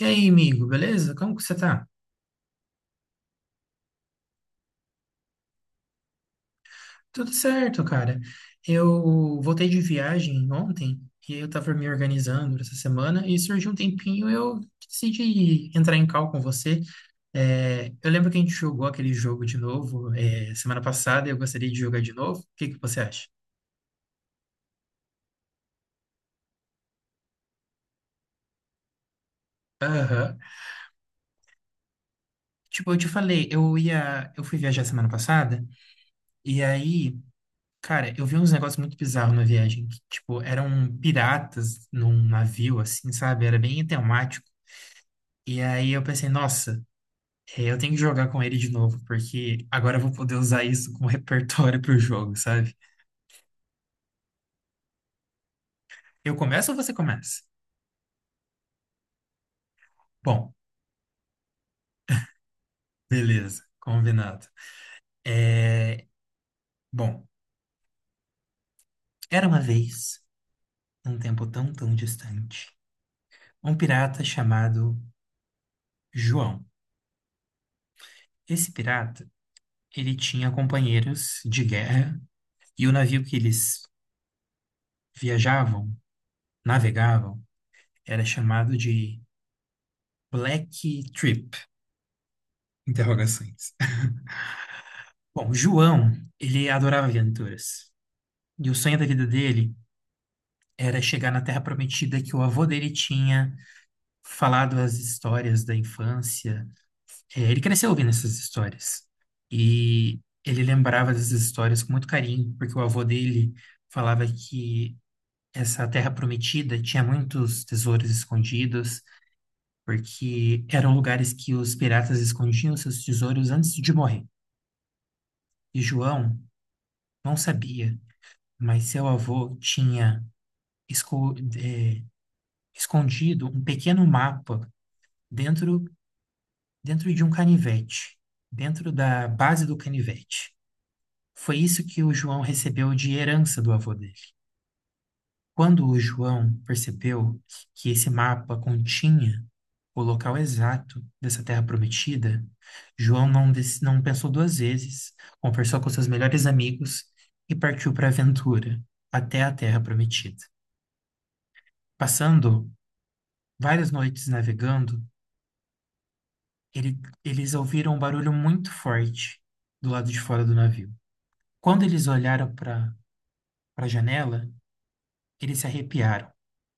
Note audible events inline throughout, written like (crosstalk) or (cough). E aí, amigo, beleza? Como que você tá? Tudo certo, cara. Eu voltei de viagem ontem e eu tava me organizando essa semana e surgiu um tempinho, eu decidi entrar em call com você. Eu lembro que a gente jogou aquele jogo de novo, semana passada, e eu gostaria de jogar de novo. O que que você acha? Aham. Tipo, eu te falei, eu fui viajar semana passada, e aí, cara, eu vi uns negócios muito bizarros na viagem, que, tipo, eram piratas num navio, assim, sabe? Era bem temático. E aí eu pensei, nossa, eu tenho que jogar com ele de novo, porque agora eu vou poder usar isso como (laughs) repertório pro jogo, sabe? Eu começo ou você começa? Bom, beleza, combinado. É, bom, era uma vez, num tempo tão, tão distante, um pirata chamado João. Esse pirata, ele tinha companheiros de guerra, e o navio que eles viajavam, navegavam, era chamado de Black Trip, interrogações. Bom, João, ele adorava aventuras. E o sonho da vida dele era chegar na Terra Prometida que o avô dele tinha falado as histórias da infância. É, ele cresceu ouvindo essas histórias. E ele lembrava dessas histórias com muito carinho, porque o avô dele falava que essa Terra Prometida tinha muitos tesouros escondidos, porque eram lugares que os piratas escondiam seus tesouros antes de morrer. E João não sabia, mas seu avô tinha esco- eh, escondido um pequeno mapa dentro, dentro de um canivete, dentro da base do canivete. Foi isso que o João recebeu de herança do avô dele. Quando o João percebeu que esse mapa continha o local exato dessa terra prometida, João não, des- não pensou duas vezes, conversou com seus melhores amigos e partiu para a aventura, até a terra prometida. Passando várias noites navegando, ele- eles ouviram um barulho muito forte do lado de fora do navio. Quando eles olharam para a janela, eles se arrepiaram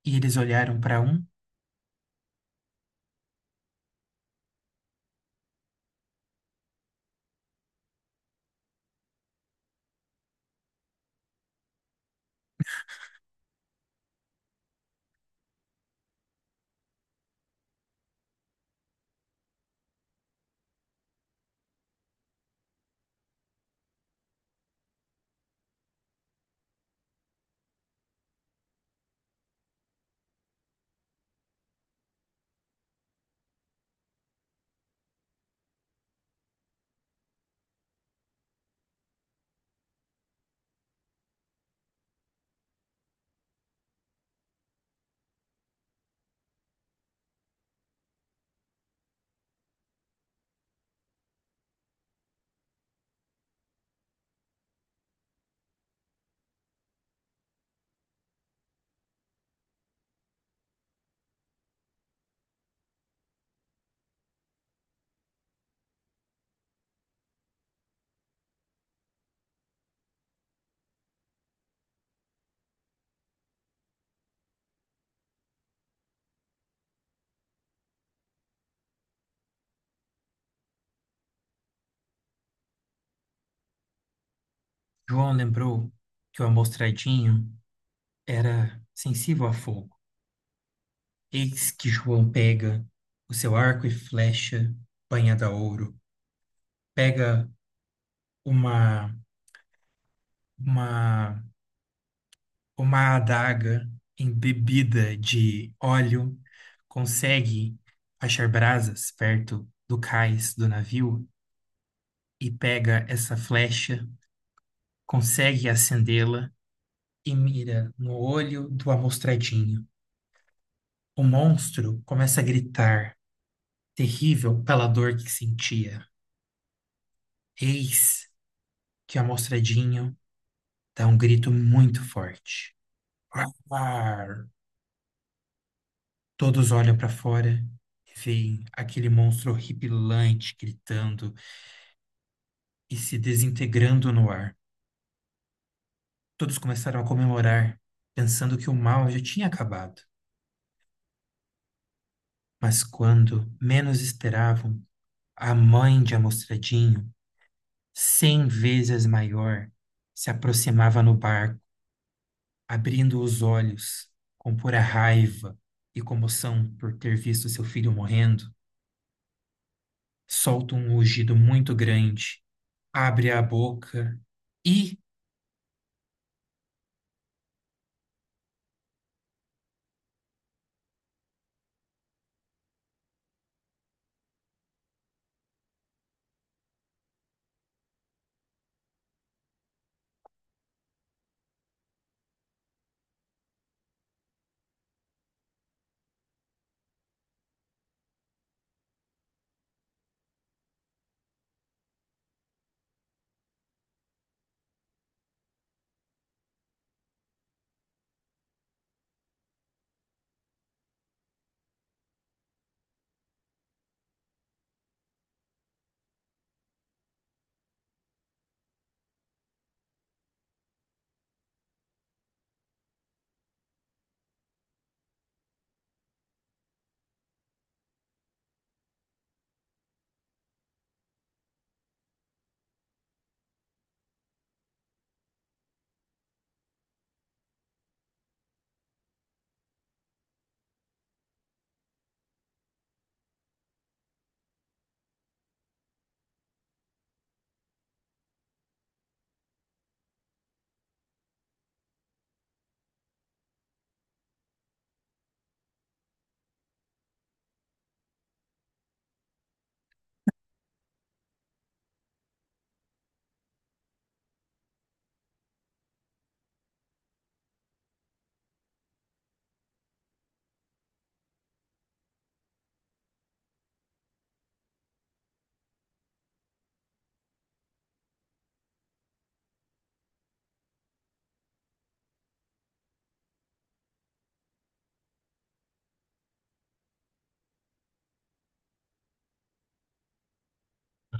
e eles olharam para um. João lembrou que o amostradinho era sensível a fogo. Eis que João pega o seu arco e flecha banhada a ouro, pega uma, uma, uma adaga embebida de óleo, consegue achar brasas perto do cais do navio e pega essa flecha, consegue acendê-la e mira no olho do amostradinho. O monstro começa a gritar, terrível pela dor que sentia. Eis que o amostradinho dá um grito muito forte. Ar! Todos olham para fora e veem aquele monstro horripilante gritando e se desintegrando no ar. Todos começaram a comemorar, pensando que o mal já tinha acabado. Mas quando menos esperavam, a mãe de Amostradinho, 100 vezes maior, se aproximava no barco, abrindo os olhos com pura raiva e comoção por ter visto seu filho morrendo, solta um rugido muito grande, abre a boca e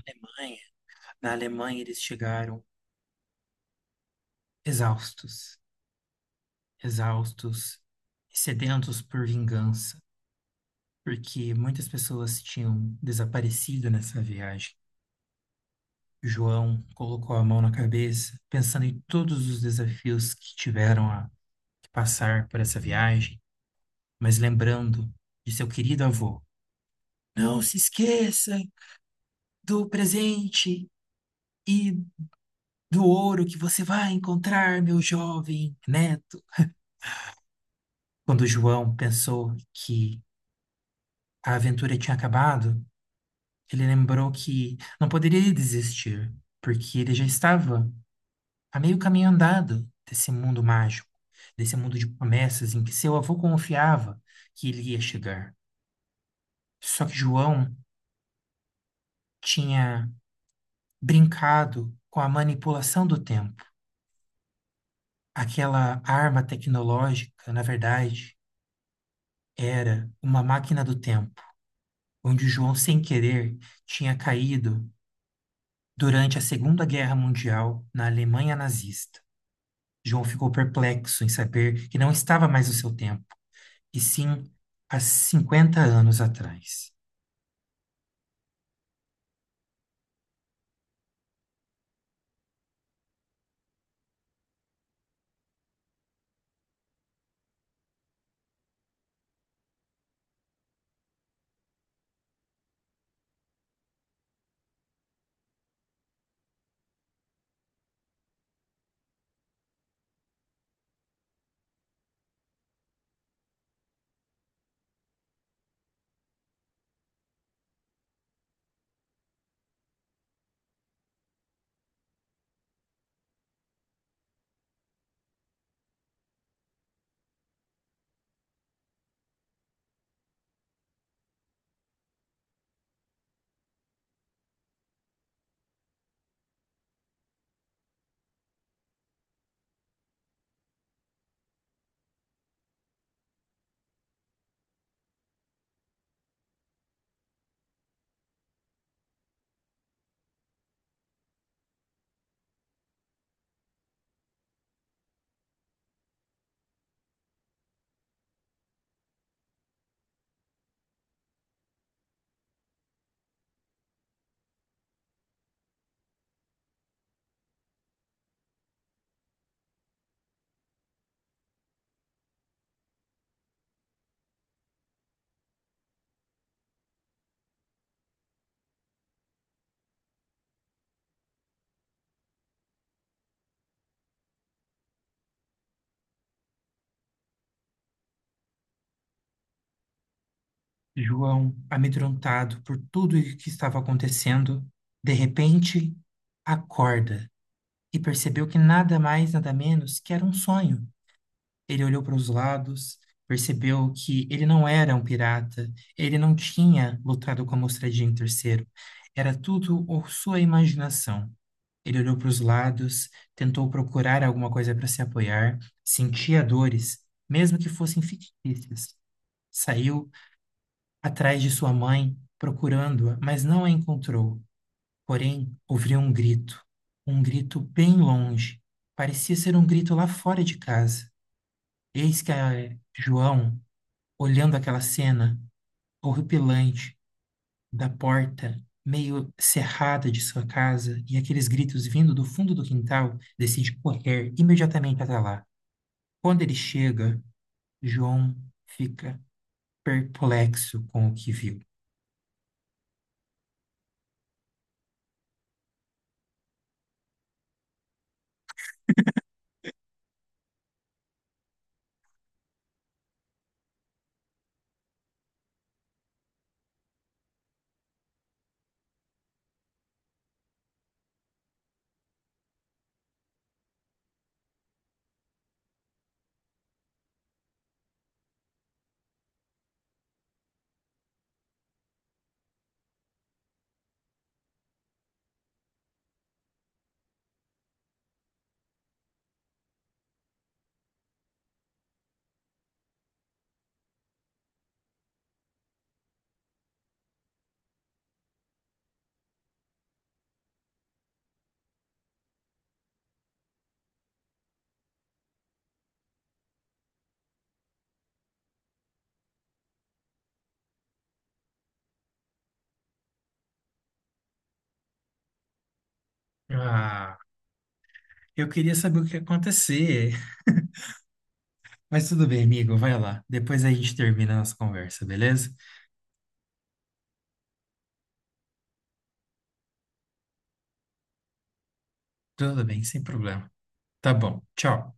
Alemanha. Na Alemanha eles chegaram, exaustos, exaustos, e sedentos por vingança, porque muitas pessoas tinham desaparecido nessa viagem. João colocou a mão na cabeça, pensando em todos os desafios que tiveram a que passar por essa viagem, mas lembrando de seu querido avô. Não se esqueça do presente e do ouro que você vai encontrar, meu jovem neto. Quando João pensou que a aventura tinha acabado, ele lembrou que não poderia desistir, porque ele já estava a meio caminho andado desse mundo mágico, desse mundo de promessas em que seu avô confiava que ele ia chegar. Só que João tinha brincado com a manipulação do tempo. Aquela arma tecnológica, na verdade, era uma máquina do tempo onde João, sem querer, tinha caído durante a Segunda Guerra Mundial na Alemanha nazista. João ficou perplexo em saber que não estava mais no seu tempo, e sim há 50 anos atrás. João, amedrontado por tudo o que estava acontecendo, de repente acorda e percebeu que nada mais, nada menos que era um sonho. Ele olhou para os lados, percebeu que ele não era um pirata, ele não tinha lutado com a Mostradinha em terceiro. Era tudo ou sua imaginação. Ele olhou para os lados, tentou procurar alguma coisa para se apoiar, sentia dores, mesmo que fossem fictícias. Saiu atrás de sua mãe, procurando-a, mas não a encontrou. Porém, ouviu um grito bem longe. Parecia ser um grito lá fora de casa. Eis que a João olhando aquela cena horripilante da porta meio cerrada de sua casa e aqueles gritos vindo do fundo do quintal, decide correr imediatamente até lá. Quando ele chega, João fica perplexo com o que viu. Ah, eu queria saber o que ia acontecer. Mas tudo bem, amigo, vai lá. Depois a gente termina a nossa conversa, beleza? Tudo bem, sem problema. Tá bom, tchau.